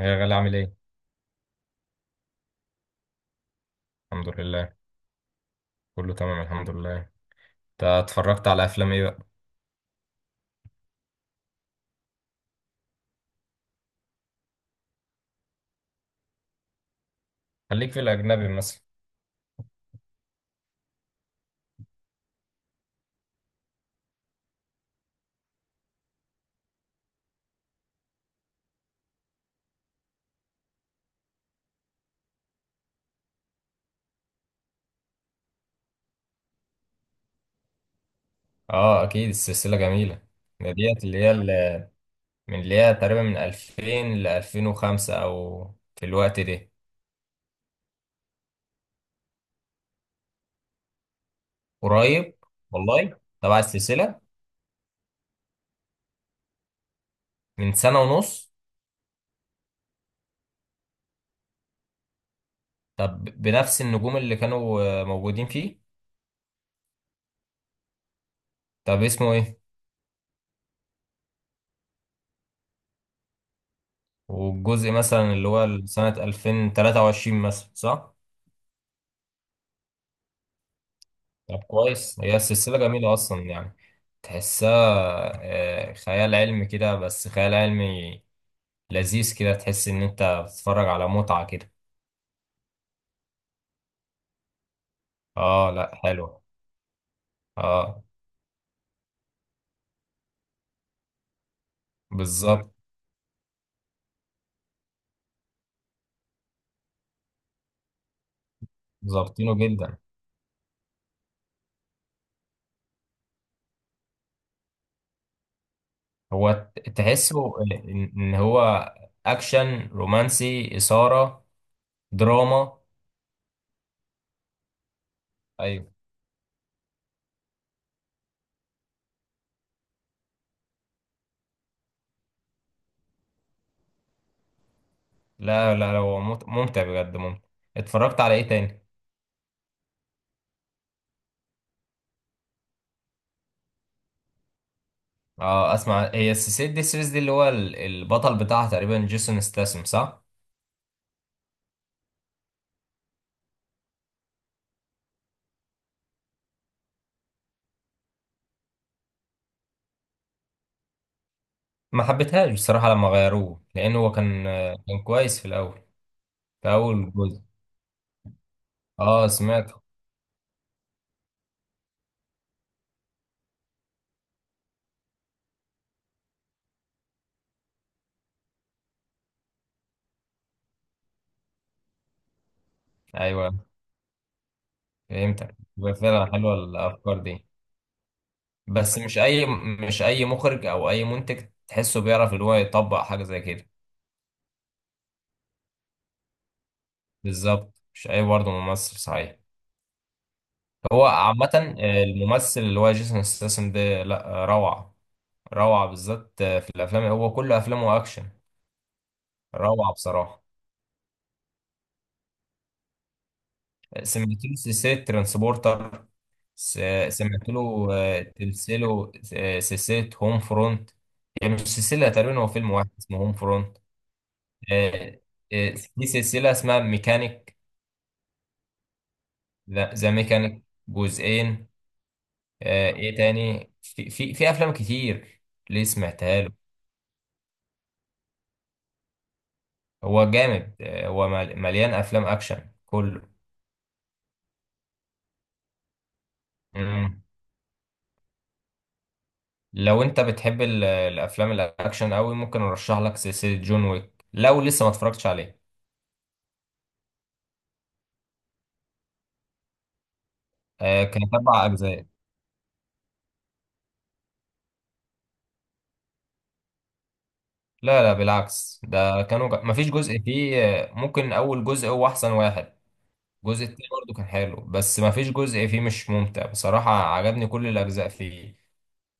يا غالي عامل ايه؟ الحمد لله، كله تمام الحمد لله. انت اتفرجت على افلام ايه بقى؟ خليك في الاجنبي مثلا. اه اكيد، السلسلة جميلة. ده ديت اللي هي اللي من اللي هي تقريبا من 2000 ل 2005 او في الوقت ده. قريب والله تبع السلسلة. من سنة ونص. طب بنفس النجوم اللي كانوا موجودين فيه؟ طب اسمه ايه؟ والجزء مثلا اللي هو سنة 2023 مثلا صح؟ طب كويس، هي السلسلة جميلة أصلا يعني. تحسها خيال علمي كده، بس خيال علمي لذيذ كده. تحس إن أنت بتتفرج على متعة كده. آه لأ حلو. آه بالظبط. ظابطينه جدا. هو تحسه إن هو أكشن رومانسي إثارة دراما. أيوه. لا لا لا، هو ممتع بجد، ممتع. اتفرجت على إيه تاني؟ آه أسمع، هي السلسلة دي السيريز دي البطل بتاعها تقريبا جيسون ستاثام صح؟ ما حبيتهاش بصراحة لما غيروه، لأن هو كان كان كويس في الأول. في أول جزء. أه سمعته. أيوه فهمتك، بيبقى فعلا حلوة الأفكار دي. بس مش أي، مش أي مخرج أو أي منتج تحسه بيعرف إن هو يطبق حاجة زي كده. بالظبط، مش أي برضه ممثل صحيح. هو عامة الممثل اللي هو جيسون ستاثام ده لأ، روعة. روعة بالذات في الأفلام، هو كل أفلامه أكشن. روعة بصراحة. سمعت له سلسلة ترانسبورتر. س- سمعت له تمثيله سلسلة هوم فرونت، يعني مش سلسلة، تقريبا هو فيلم واحد اسمه هوم فرونت. آه، آه، في سلسلة اسمها ميكانيك. ذا ميكانيك جزئين. ايه تاني؟ في افلام كتير ليه سمعتها له. هو جامد، هو مليان افلام اكشن كله. مم. لو انت بتحب الافلام الاكشن قوي، ممكن ارشح لك سلسلة جون ويك لو لسه ما اتفرجتش عليه. كانت أربع أجزاء. لا لا بالعكس، ده كانوا مفيش جزء فيه، ممكن أول جزء هو أحسن واحد. الجزء التاني برضه كان حلو، بس مفيش جزء فيه مش ممتع بصراحة، عجبني كل الأجزاء فيه.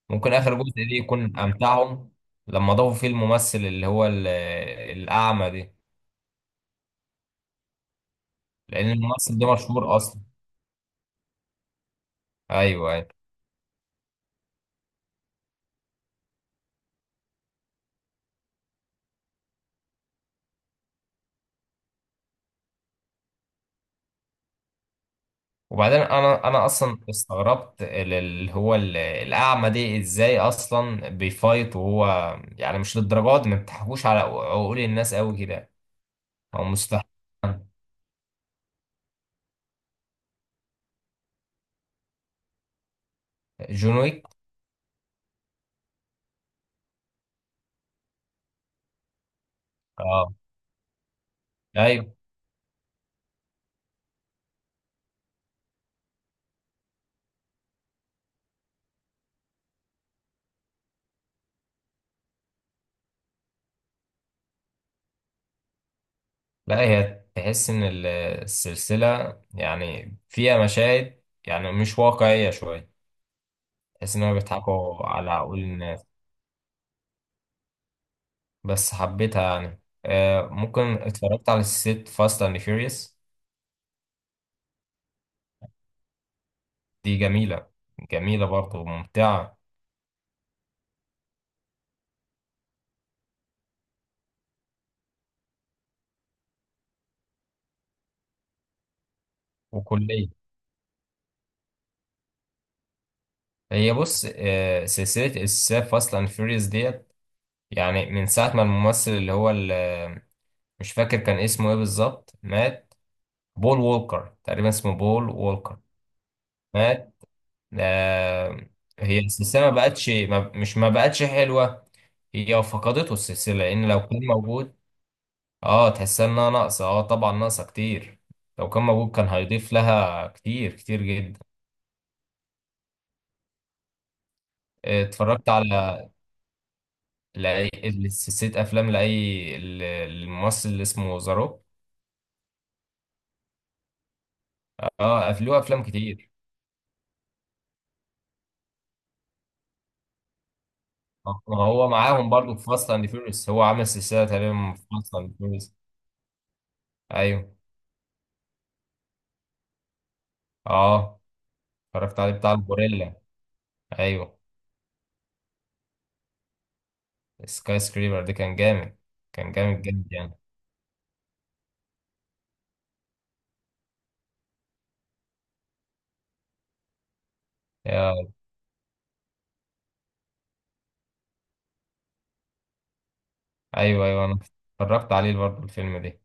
ممكن آخر جزء دي يكون أمتعهم، لما ضافوا فيه الممثل اللي هو الأعمى دي. لأن الممثل ده مشهور أصلا. أيوه أيوه. وبعدين انا اصلا استغربت الاعمى دي ازاي اصلا بيفايت وهو، يعني مش للدرجات دي، ما بتحكوش على عقول الناس قوي كده. او مستحيل. جون ويك. اه ايوه. لا هي تحس ان السلسله يعني فيها مشاهد يعني مش واقعيه شويه. تحس ان هم بيضحكوا على عقول الناس، بس حبيتها يعني. آه ممكن، اتفرجت على سلسله فاست اند فيوريوس. دي جميله، جميلة برضه وممتعة. وكلية. هي بص سلسلة السلسلة فاست أند فيوريوس ديت، يعني من ساعة ما الممثل اللي هو مش فاكر كان اسمه ايه بالظبط، مات. بول وولكر، تقريبا اسمه بول وولكر مات. آه، هي السلسلة ما بقتش، ما مش ما بقتش حلوة. هي فقدته السلسلة، لأن لو كان موجود. اه تحسها إنها ناقصة، اه طبعا ناقصة كتير. لو كان موجود كان هيضيف لها كتير، كتير جدا. اتفرجت على لأي سلسلة أفلام لأي الممثل اللي اسمه ذا روك. اه له أفلام كتير. ما هو معاهم برضه في فاست أند فيوريوس، هو عامل سلسلة تقريبا في فاست أند فيوريوس. أيوه. اه اتفرجت عليه بتاع الغوريلا. أيوه، سكاي سكريبر ده كان جامد. كان جامد جامد يعني. يا- أيوه أيوه، أنا اتفرجت عليه برضه الفيلم ده،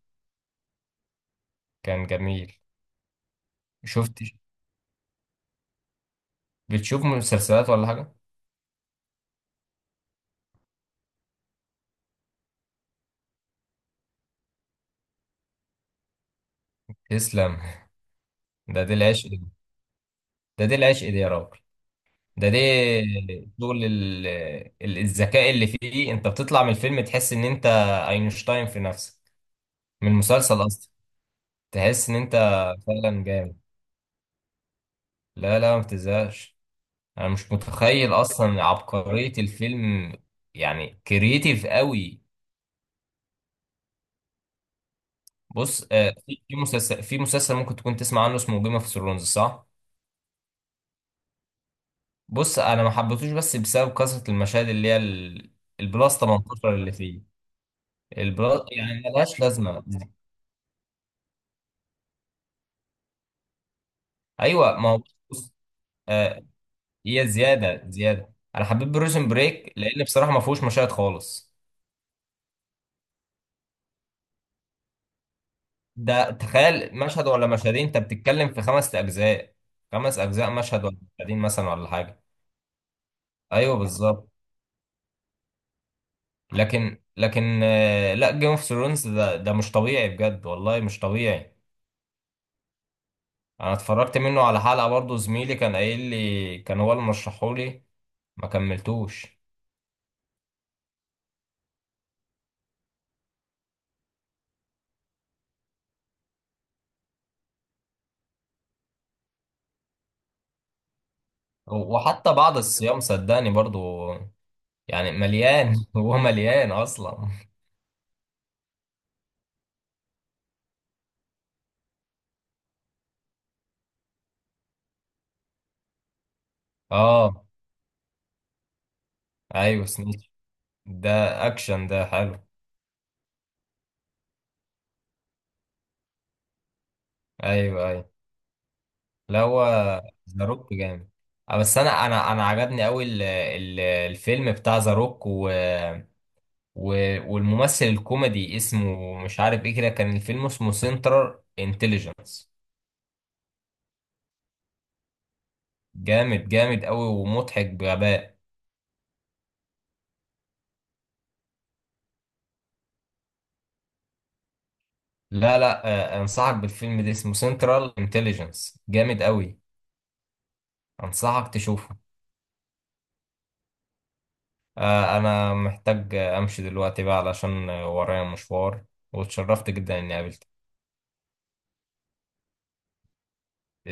كان جميل. شفت. بتشوف مسلسلات ولا حاجة؟ تسلم. ده دي العشق. ده دي العشق دي يا راجل. ده ده شغل الذكاء اللي فيه، انت بتطلع من الفيلم تحس ان انت اينشتاين في نفسك. من المسلسل اصلا تحس ان انت. فعلا جامد. لا لا ما بتزهقش. انا مش متخيل اصلا عبقرية الفيلم، يعني كرييتيف قوي. بص في مسلسل، في مسلسل ممكن تكون تسمع عنه، اسمه جيم اوف ثرونز صح. بص انا ما حبيتهوش، بس بسبب كثرة المشاهد اللي هي البلاس 18 اللي فيه. البلاس يعني ملهاش لازمة. ايوه ما هو بص. آه هي زياده زياده، انا حبيت بروسن بريك لان بصراحه ما فيهوش مشاهد خالص. ده تخيل، مشهد ولا مشهدين انت بتتكلم في خمس اجزاء. خمس اجزاء مشهد ولا مشهدين مثلا ولا حاجه. ايوه بالظبط. لكن آه لا، جيم اوف ثرونز ده ده مش طبيعي بجد، والله مش طبيعي. انا اتفرجت منه على حلقه برضه، زميلي كان قايل لي، كان هو اللي مرشحولي. ما كملتوش. وحتى بعد الصيام صدقني برضه يعني مليان، هو مليان اصلا. اه ايوه سنيتش ده. اكشن ده حلو. ايوه ايوه. لا هو ذا روك جامد. بس انا عجبني قوي الفيلم بتاع ذا روك و... والممثل الكوميدي اسمه مش عارف ايه كده، كان الفيلم اسمه سنترال انتليجنس. جامد جامد قوي، ومضحك بغباء. لا لا، انصحك بالفيلم ده اسمه سنترال انتليجنس، جامد قوي. انصحك تشوفه. أنا محتاج أمشي دلوقتي بقى، علشان ورايا مشوار. واتشرفت جدا إني قابلتك.